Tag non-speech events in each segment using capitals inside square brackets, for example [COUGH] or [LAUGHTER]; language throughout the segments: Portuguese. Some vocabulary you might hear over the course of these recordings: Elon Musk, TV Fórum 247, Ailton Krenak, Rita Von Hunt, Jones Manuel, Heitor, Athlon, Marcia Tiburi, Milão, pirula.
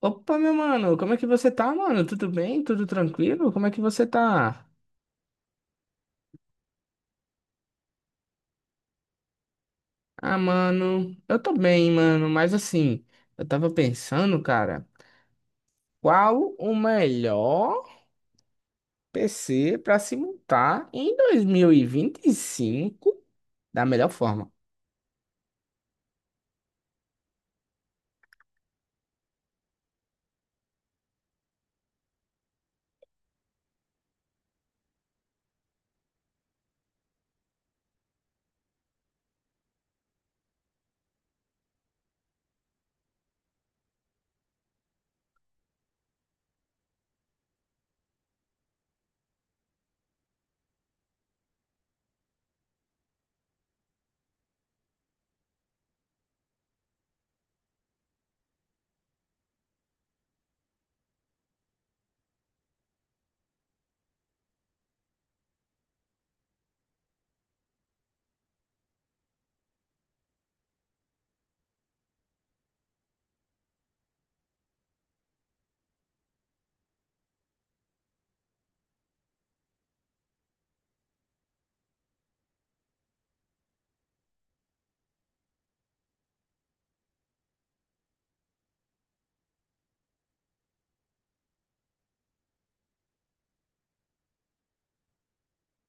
Opa, meu mano, como é que você tá, mano? Tudo bem? Tudo tranquilo? Como é que você tá? Ah, mano, eu tô bem, mano, mas assim, eu tava pensando, cara, qual o melhor PC pra se montar em 2025 da melhor forma?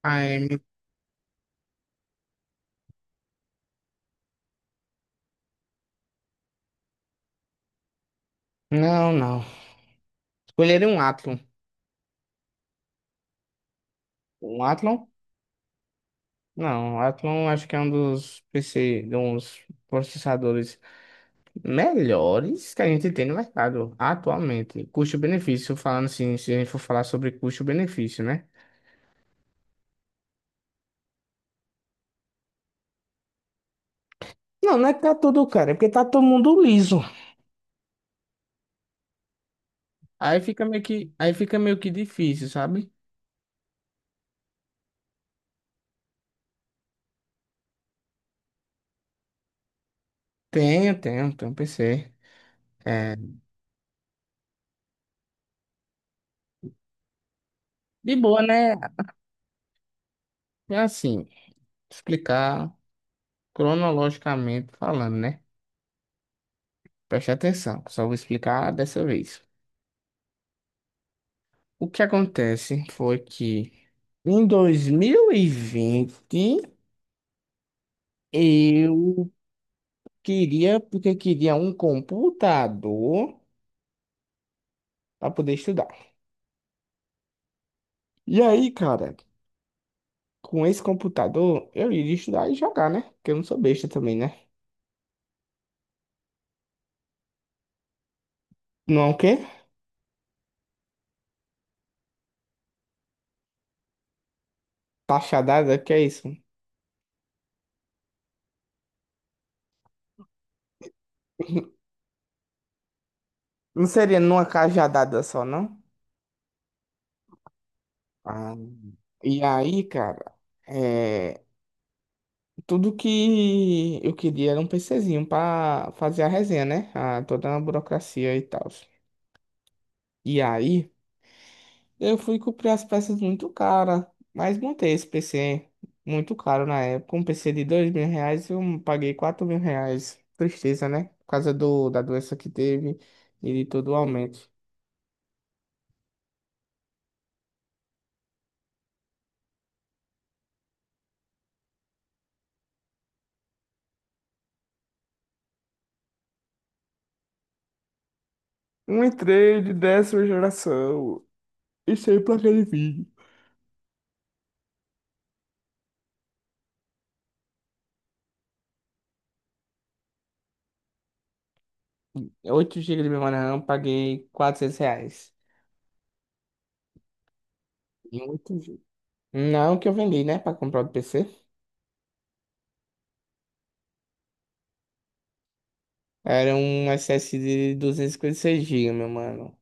Ai, não, não. Escolheria um Athlon. Um Athlon? Não, o Athlon acho que é um dos PC, de uns processadores melhores que a gente tem no mercado atualmente. Custo-benefício, falando assim, se a gente for falar sobre custo-benefício, né? Não, não é que tá tudo caro, é porque tá todo mundo liso. Aí fica meio que difícil, sabe? Tenho, tenho, tenho um PC. É, de boa, né? É assim, explicar cronologicamente falando, né? Preste atenção, só vou explicar dessa vez. O que acontece foi que em 2020 eu Queria, porque queria um computador para poder estudar. E aí, cara, com esse computador, eu iria estudar e jogar, né? Porque eu não sou besta também, né? Não é o quê? Cajadada, que é isso? [LAUGHS] Não seria numa cajadada só, não? Ah, e aí, cara, é, tudo que eu queria era um PCzinho pra fazer a resenha, né? Ah, toda a burocracia e tal. E aí, eu fui comprar as peças muito cara, mas montei esse PC muito caro na época. Um PC de dois mil reais, eu paguei quatro mil reais. Tristeza, né? Por causa da doença que teve e de todo o aumento. Um entrei de décima geração e sem placa de vídeo. Oito GB de memória RAM, paguei 400 reais. Em 8 GB. Não que eu vendi, né, pra comprar o PC. Era um SS de 256 gigas, meu mano.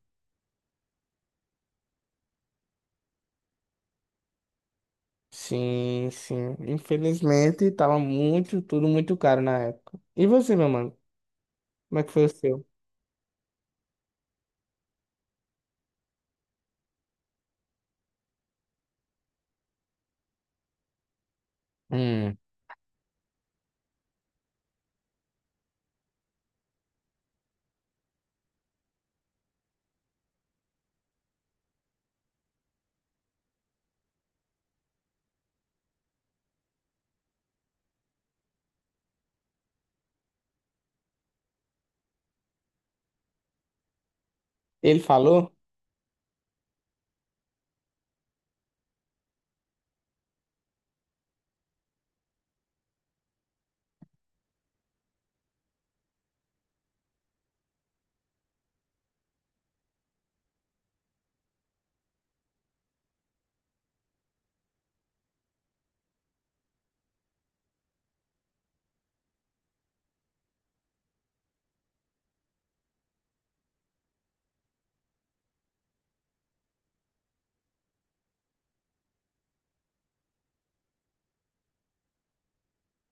Sim, sim. Infelizmente, tava muito, tudo muito caro na época. E você, meu mano? Como é que foi o seu? Hum. Ele falou?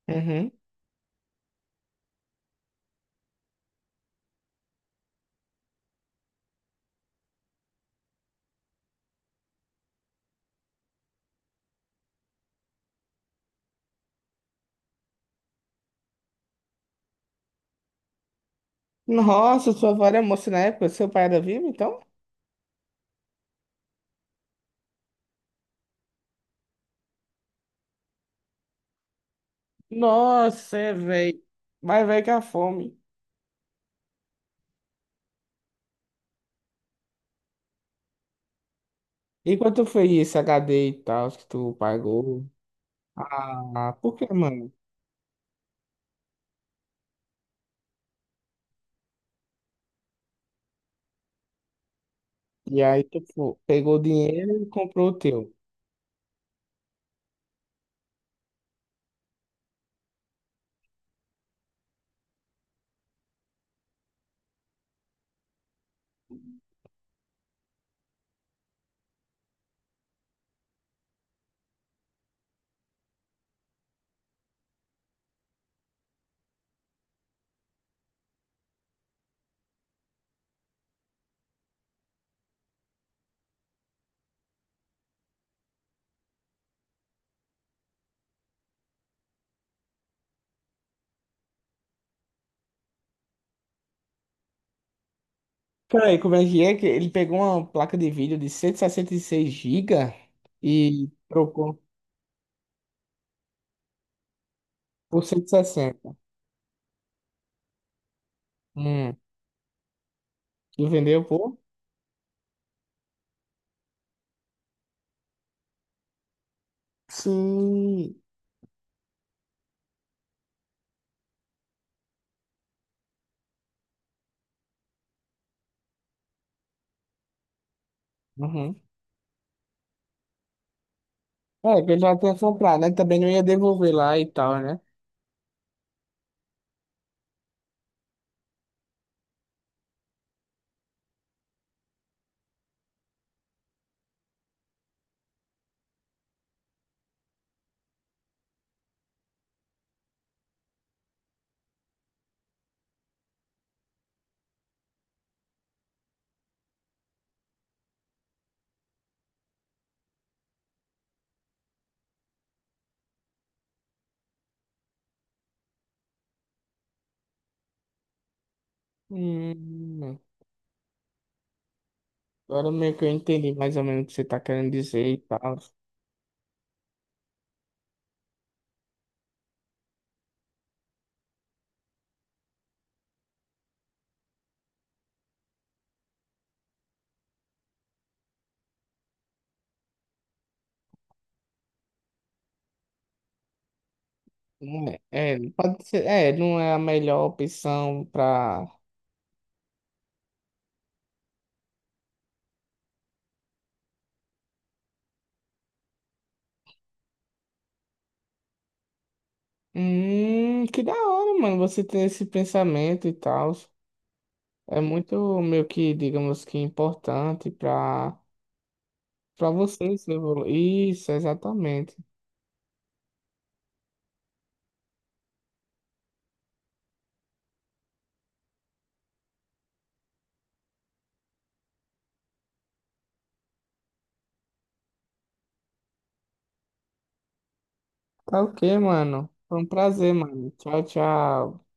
Uhum. Nossa, sua avó era moça na época, seu pai era vivo, então? Nossa, é, velho. Mas velho que a fome. E quanto foi esse HD e tal que tu pagou? Ah, por que, mano? E aí tu pegou o dinheiro e comprou o teu. Peraí, como é que ele pegou uma placa de vídeo de cento e sessenta e seis gigas e trocou? Por cento e sessenta. Hum. E vendeu por? Sim. Uhum. É, que eu já tinha comprado, né? Também não ia devolver lá e tal, né? Hum. Agora meio que eu entendi mais ou menos o que você tá querendo dizer e tal. Não. É, é, pode ser, é, não é a melhor opção pra. Que da hora, mano, você ter esse pensamento e tal. É muito meio que, digamos que importante pra, pra vocês evoluir. Isso, exatamente. Tá ok, mano. Foi um prazer, mano. Tchau, tchau.